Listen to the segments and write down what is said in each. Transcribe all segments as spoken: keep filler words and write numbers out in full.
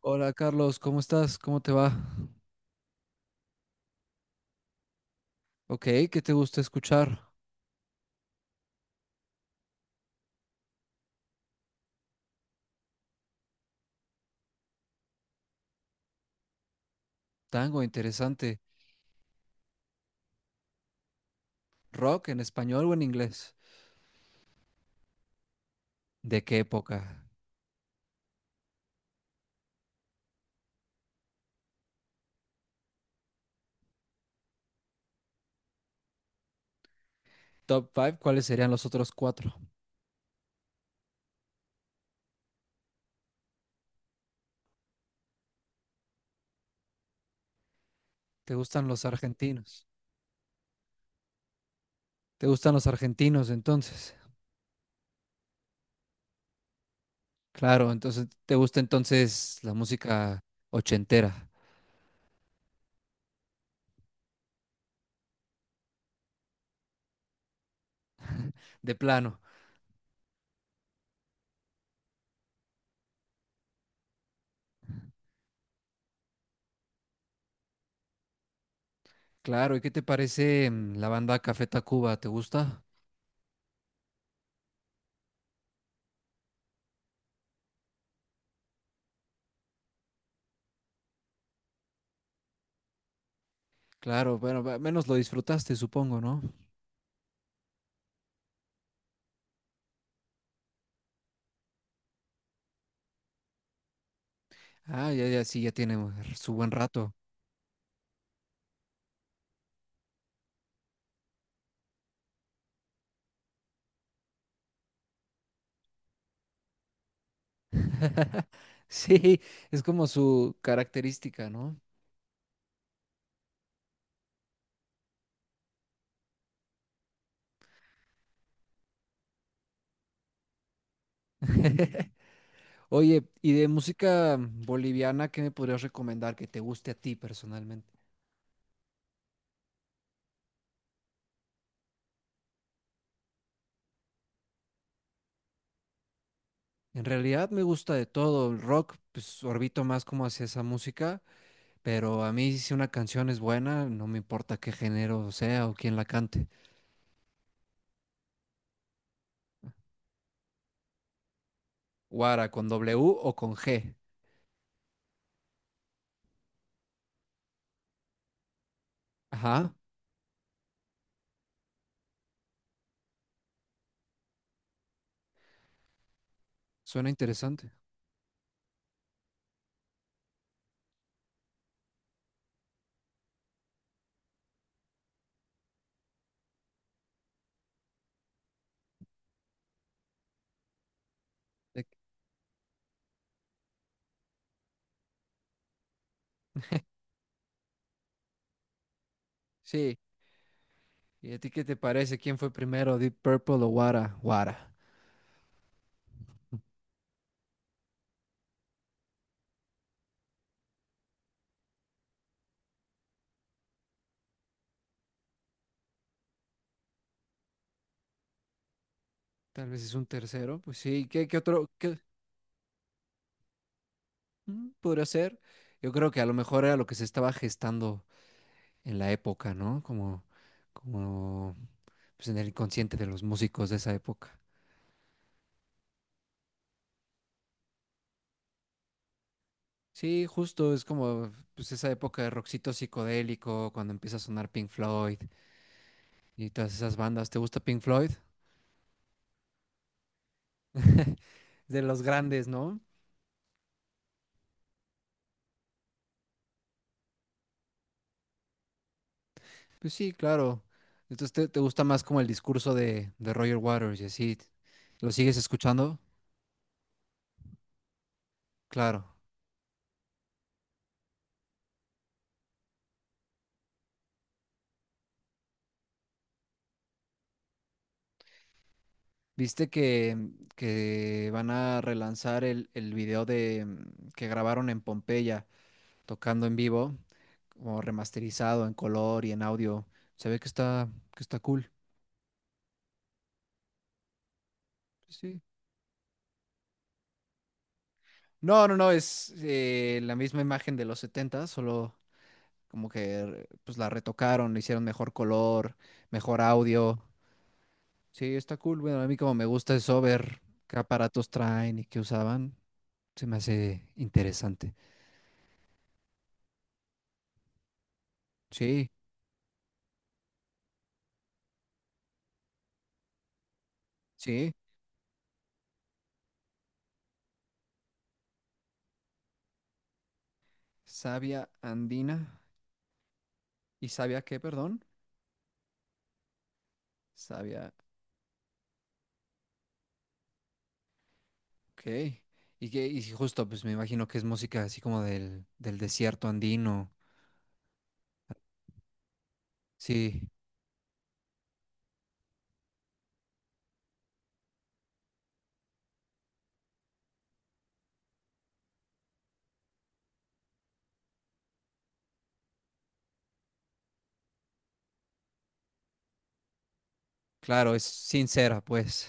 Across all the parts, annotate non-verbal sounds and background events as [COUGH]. Hola Carlos, ¿cómo estás? ¿Cómo te va? Ok, ¿qué te gusta escuchar? Tango, interesante. ¿Rock en español o en inglés? ¿De qué época? Top cinco, ¿cuáles serían los otros cuatro? ¿Te gustan los argentinos? ¿Te gustan los argentinos entonces? Claro, entonces te gusta entonces la música ochentera, de plano. Claro, ¿y qué te parece mm, la banda Café Tacuba? ¿Te gusta? Claro, bueno, al menos lo disfrutaste, supongo, ¿no? Ah, ya, ya, sí, ya tiene mm, su buen rato. [LAUGHS] Sí, es como su característica, ¿no? [LAUGHS] Oye, y de música boliviana, ¿qué me podrías recomendar que te guste a ti personalmente? En realidad me gusta de todo, el rock, pues orbito más como hacia esa música, pero a mí si una canción es buena, no me importa qué género sea o quién la cante. Guara, con W o con G. Ajá, suena interesante. De- Sí, ¿y a ti qué te parece? ¿Quién fue primero, Deep Purple o Guara? Guara. Tal vez es un tercero, pues sí, ¿qué, qué otro qué, mm, ¿podría ser? Yo creo que a lo mejor era lo que se estaba gestando en la época, ¿no? Como, como pues en el inconsciente de los músicos de esa época. Sí, justo, es como pues esa época de rockcito psicodélico, cuando empieza a sonar Pink Floyd y todas esas bandas. ¿Te gusta Pink Floyd? [LAUGHS] De los grandes, ¿no? Pues sí, claro. Entonces te, te gusta más como el discurso de, de Roger Waters y así. ¿Lo sigues escuchando? Claro. ¿Viste que, que van a relanzar el, el video de mm, que grabaron en Pompeya tocando en vivo, como remasterizado en color y en audio? Se ve que está, que está cool. Sí, sí. No, no, no, es eh, la misma imagen de los setenta, solo como que re- pues la retocaron, le hicieron mejor color, mejor audio. Sí, está cool. Bueno, a mí como me gusta eso, ver qué aparatos traen y qué usaban, se me hace interesante. Sí, sí, Savia andina. ¿Y sabia qué, perdón? Sabia. Ok. Y que, y sí, justo, pues me imagino que es música así como del, del desierto andino. Sí, claro, es sincera, pues.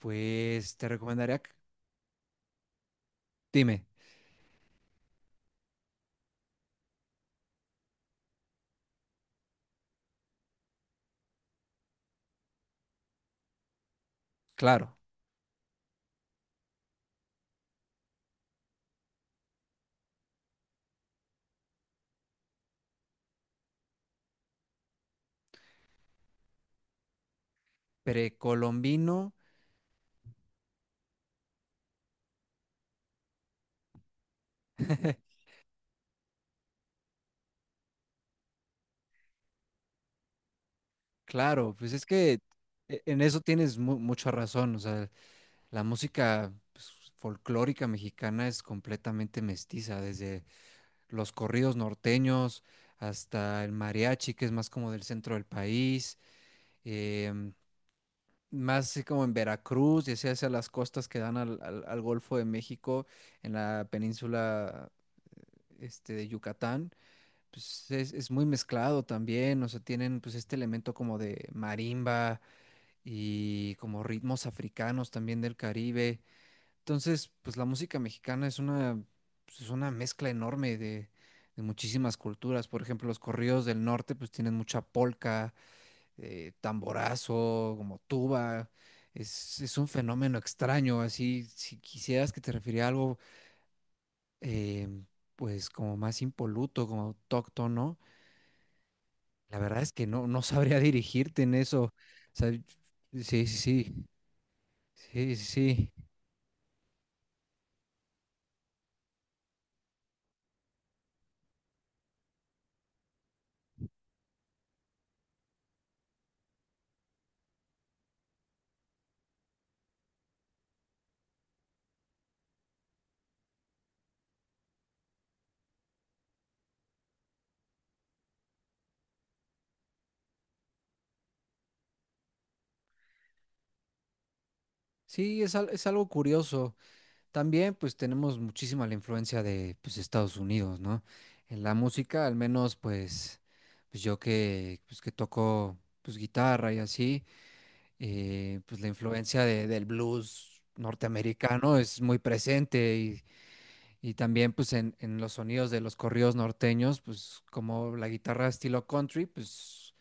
Pues te recomendaría que- dime, claro. Precolombino. [LAUGHS] Claro, pues es que e- en eso tienes mu- mucha razón. O sea, la música pues, folclórica mexicana es completamente mestiza desde los corridos norteños, hasta el mariachi, que es más como del centro del país, em, más así como en Veracruz, y hacia, hacia las costas que dan al, al- al Golfo de México, en la península este, de Yucatán. Pues es, es muy mezclado también, o sea, tienen pues este elemento como de marimba y como ritmos africanos también del Caribe. Entonces, pues la música mexicana es una, pues, es una mezcla enorme de, de muchísimas culturas. Por ejemplo, los corridos del norte, pues tienen mucha polca, eh, tamborazo, como tuba. Es, es un fenómeno extraño. Así, si quisieras que te refiriera a algo, eh, pues como más impoluto, como autóctono, ¿no? La verdad es que no, no sabría [LAUGHS] dirigirte en eso. O sea, sí, sí, sí, sí, sí. Sí, sí, es, al- es algo curioso. También pues tenemos muchísima la influencia de pues Estados Unidos, ¿no? En la música, al menos pues, pues yo que pues que toco pues guitarra y así, eh, pues la influencia de- del blues norteamericano es muy presente y, y también pues en, en los sonidos de los corridos norteños, pues como la guitarra estilo country, pues,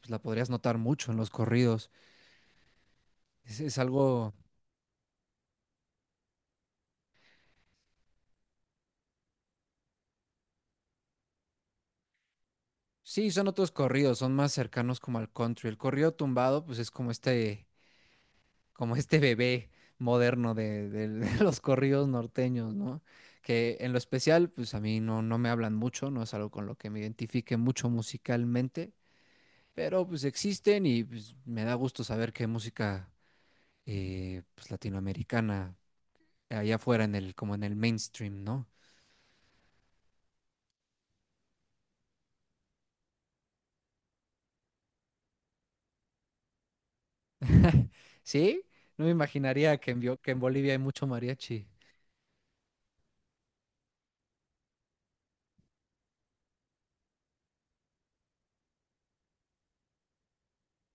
pues la podrías notar mucho en los corridos. Es, es algo, sí, son otros corridos, son más cercanos como al country. El corrido tumbado pues es como este como este bebé moderno de, de- de [LAUGHS] los corridos norteños, ¿no? Que en lo especial, pues a mí no, no me hablan mucho, no es algo con lo que me identifique mucho musicalmente, pero pues existen y pues, me da gusto saber que música eh, pues, latinoamericana allá afuera en el, como en el mainstream, ¿no? Sí, no me imaginaría que en, Bio- que en Bolivia hay mucho mariachi.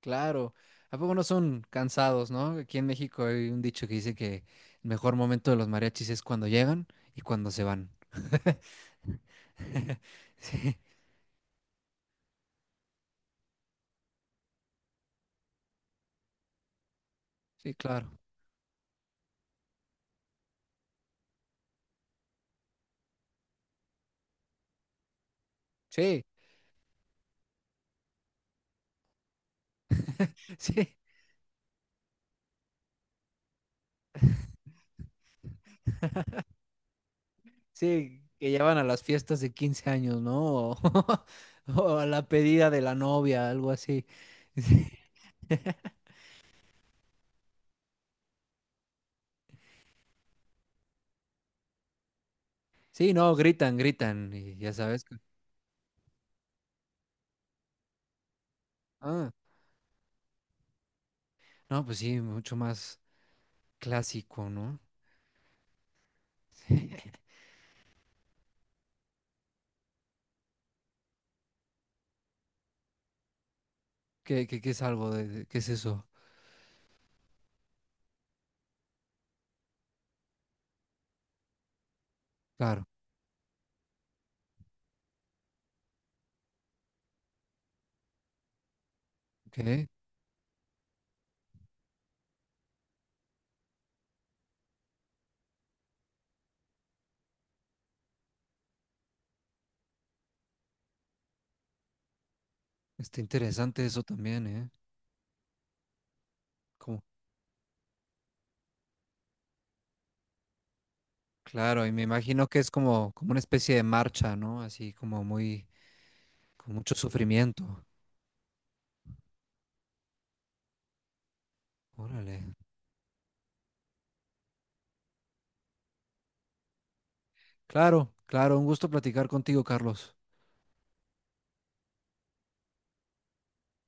Claro, ¿a poco no son cansados, no? Aquí en México hay un dicho que dice que el mejor momento de los mariachis es cuando llegan y cuando se van. [LAUGHS] Sí, sí, claro. Sí, [LAUGHS] sí, sí, que ya van a las fiestas de quince años, ¿no? O, [LAUGHS] o a la pedida de la novia, algo así. Sí, [LAUGHS] sí, no, gritan, gritan, y ya sabes que- ah, no, pues sí, mucho más clásico, ¿no? [LAUGHS] ¿Qué, qué, qué es algo de, de- qué es eso? Claro, ok. Está interesante eso también, ¿eh? Como, claro, y me imagino que es como, como una especie de marcha, ¿no? Así como muy, con mucho sufrimiento. Órale. Claro, claro, un gusto platicar contigo, Carlos.